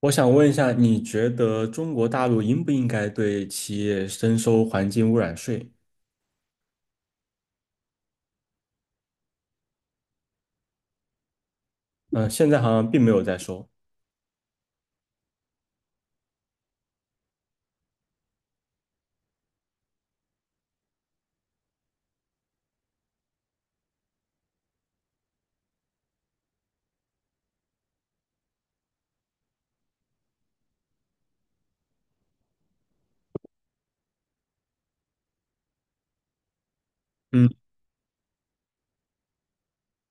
我想问一下，你觉得中国大陆应不应该对企业征收环境污染税？嗯、现在好像并没有在收。嗯，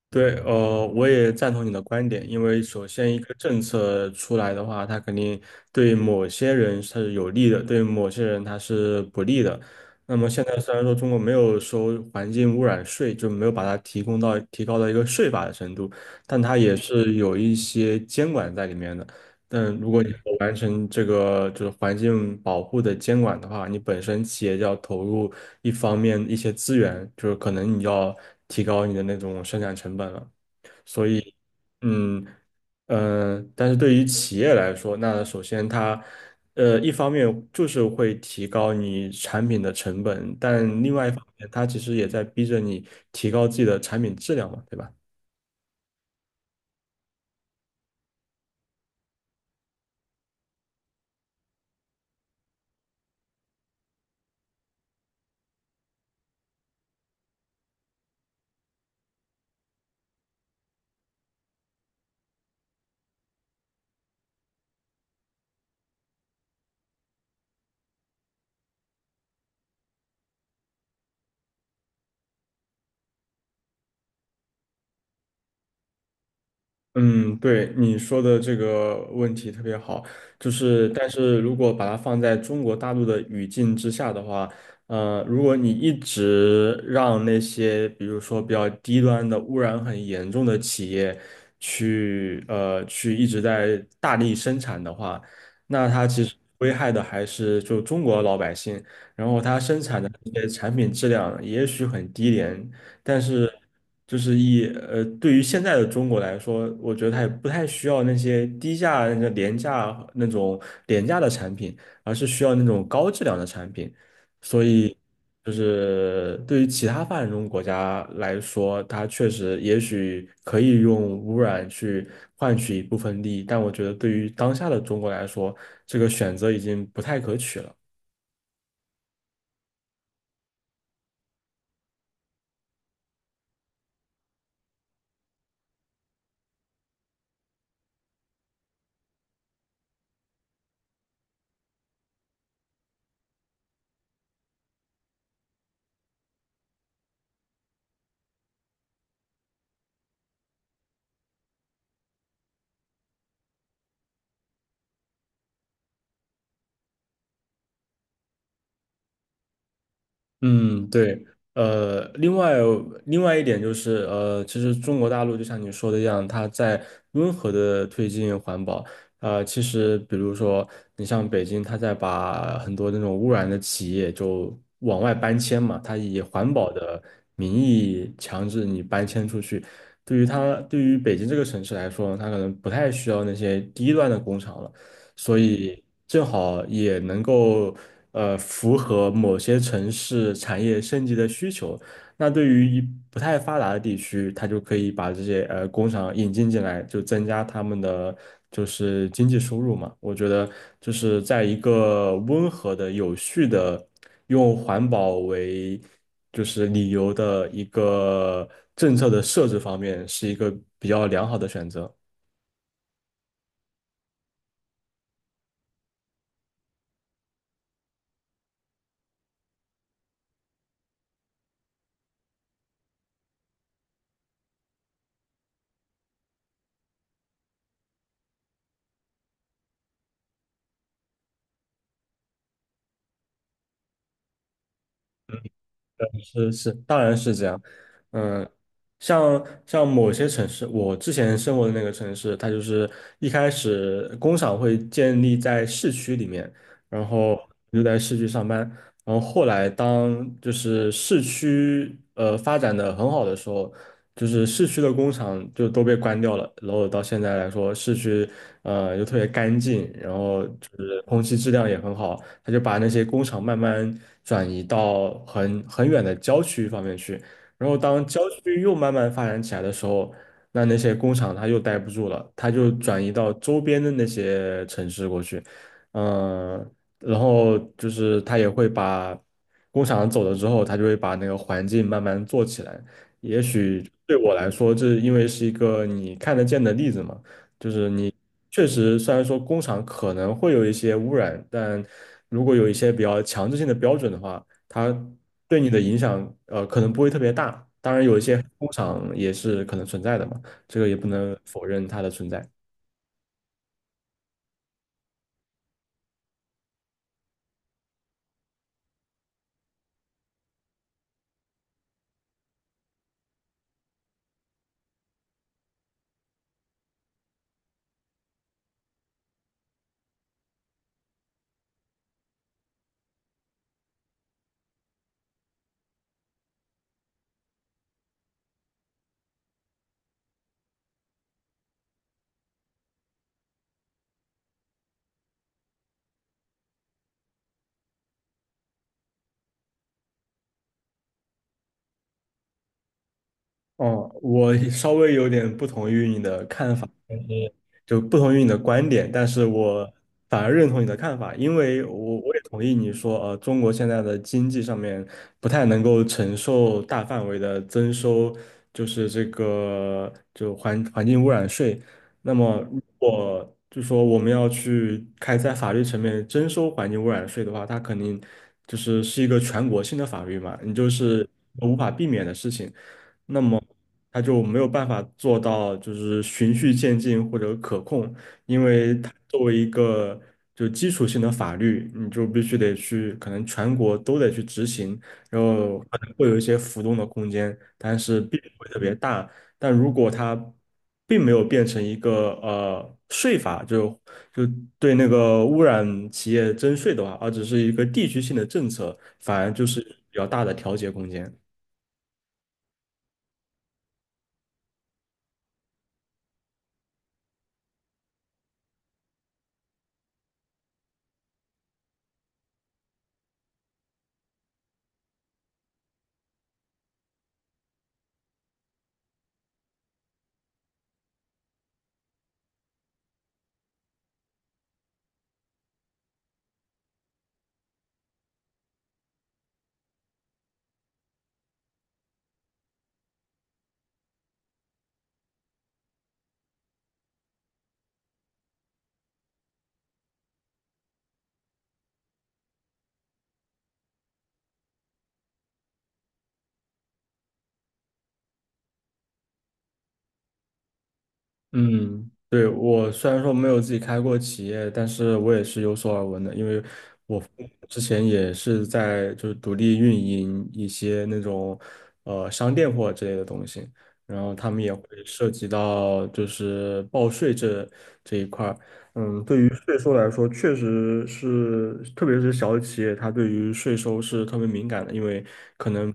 对，我也赞同你的观点，因为首先一个政策出来的话，它肯定对某些人是有利的，对某些人它是不利的。那么现在虽然说中国没有收环境污染税，就没有把它提高到一个税法的程度，但它也是有一些监管在里面的。但如果你不完成这个就是环境保护的监管的话，你本身企业就要投入一方面一些资源，就是可能你要提高你的那种生产成本了。所以，嗯但是对于企业来说，那首先它一方面就是会提高你产品的成本，但另外一方面它其实也在逼着你提高自己的产品质量嘛，对吧？嗯，对你说的这个问题特别好，就是但是如果把它放在中国大陆的语境之下的话，呃，如果你一直让那些比如说比较低端的污染很严重的企业去一直在大力生产的话，那它其实危害的还是就中国老百姓，然后它生产的这些产品质量也许很低廉，但是就是对于现在的中国来说，我觉得它也不太需要那些低价、那个廉价那种廉价的产品，而是需要那种高质量的产品。所以，就是对于其他发展中国家来说，它确实也许可以用污染去换取一部分利益，但我觉得对于当下的中国来说，这个选择已经不太可取了。嗯，对，呃，另外一点就是，呃，其实中国大陆就像你说的一样，它在温和的推进环保。呃，其实比如说，你像北京，它在把很多那种污染的企业就往外搬迁嘛，它以环保的名义强制你搬迁出去。对于它，对于北京这个城市来说呢，它可能不太需要那些低端的工厂了。所以正好也能够符合某些城市产业升级的需求。那对于一不太发达的地区，它就可以把这些工厂引进进来，就增加他们的就是经济收入嘛。我觉得就是在一个温和的、有序的，用环保为就是理由的一个政策的设置方面，是一个比较良好的选择。是是，当然是这样。嗯，像某些城市，我之前生活的那个城市，它就是一开始工厂会建立在市区里面，然后你就在市区上班。然后后来当就是市区发展的很好的时候，就是市区的工厂就都被关掉了，然后到现在来说，市区又特别干净，然后就是空气质量也很好，他就把那些工厂慢慢转移到很远的郊区方面去，然后当郊区又慢慢发展起来的时候。那那些工厂它又待不住了，它就转移到周边的那些城市过去，嗯。然后就是他也会把工厂走了之后，他就会把那个环境慢慢做起来。也许对我来说，这因为是一个你看得见的例子嘛，就是你确实虽然说工厂可能会有一些污染，但如果有一些比较强制性的标准的话，它对你的影响可能不会特别大。当然，有一些工厂也是可能存在的嘛，这个也不能否认它的存在。哦，我稍微有点不同于你的看法，但是就不同于你的观点，但是我反而认同你的看法，因为我也同意你说，呃，中国现在的经济上面不太能够承受大范围的增收，就是这个环环境污染税。那么，如果就说我们要去开在法律层面征收环境污染税的话，它肯定就是是一个全国性的法律嘛，你就是无法避免的事情。那么它就没有办法做到就是循序渐进或者可控，因为它作为一个就基础性的法律，你就必须得去，可能全国都得去执行，然后可能会有一些浮动的空间，但是并不会特别大。但如果它并没有变成一个税法，就对那个污染企业征税的话，而只是一个地区性的政策，反而就是比较大的调节空间。嗯，对，我虽然说没有自己开过企业，但是我也是有所耳闻的，因为我父母之前也是在就是独立运营一些那种商店货之类的东西，然后他们也会涉及到就是报税这一块儿。嗯，对于税收来说，确实是，特别是小企业，它对于税收是特别敏感的，因为可能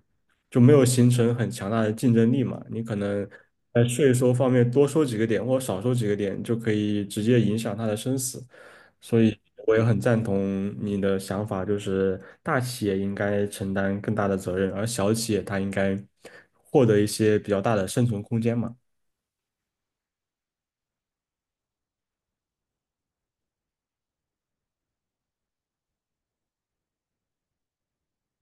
就没有形成很强大的竞争力嘛，你可能。在税收方面多收几个点或少收几个点，就可以直接影响他的生死。所以我也很赞同你的想法，就是大企业应该承担更大的责任，而小企业它应该获得一些比较大的生存空间嘛。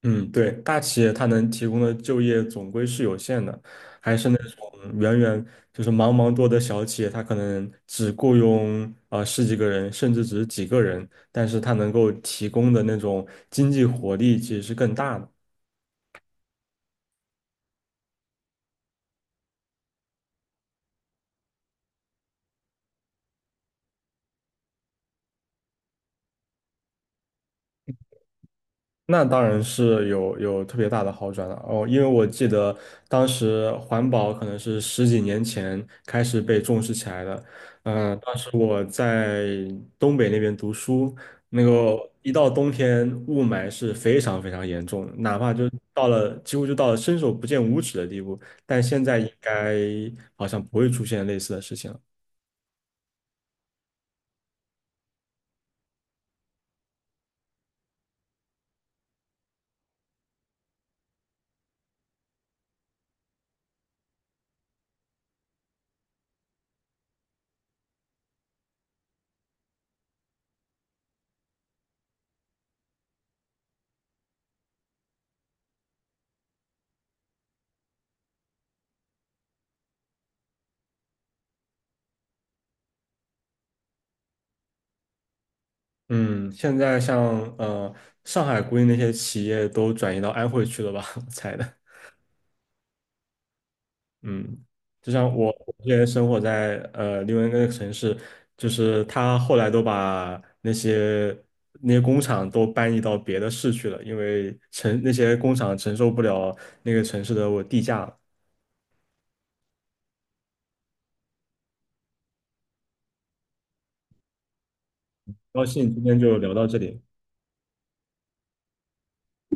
嗯，对，大企业它能提供的就业总归是有限的，还是那种远远就是茫茫多的小企业，它可能只雇佣十几个人，甚至只是几个人，但是它能够提供的那种经济活力其实是更大的。那当然是有特别大的好转了哦，因为我记得当时环保可能是十几年前开始被重视起来的。当时我在东北那边读书，那嗯个一到冬天雾霾是非常非常严重的，哪怕就到了几乎就到了伸手不见五指的地步，但现在应该好像不会出现类似的事情了。嗯，现在像上海估计那些企业都转移到安徽去了吧，我猜的。嗯，就像我之前生活在另外一个城市，就是他后来都把那些工厂都搬移到别的市去了，因为承那些工厂承受不了那个城市的我地价了。高兴今天就聊到这里。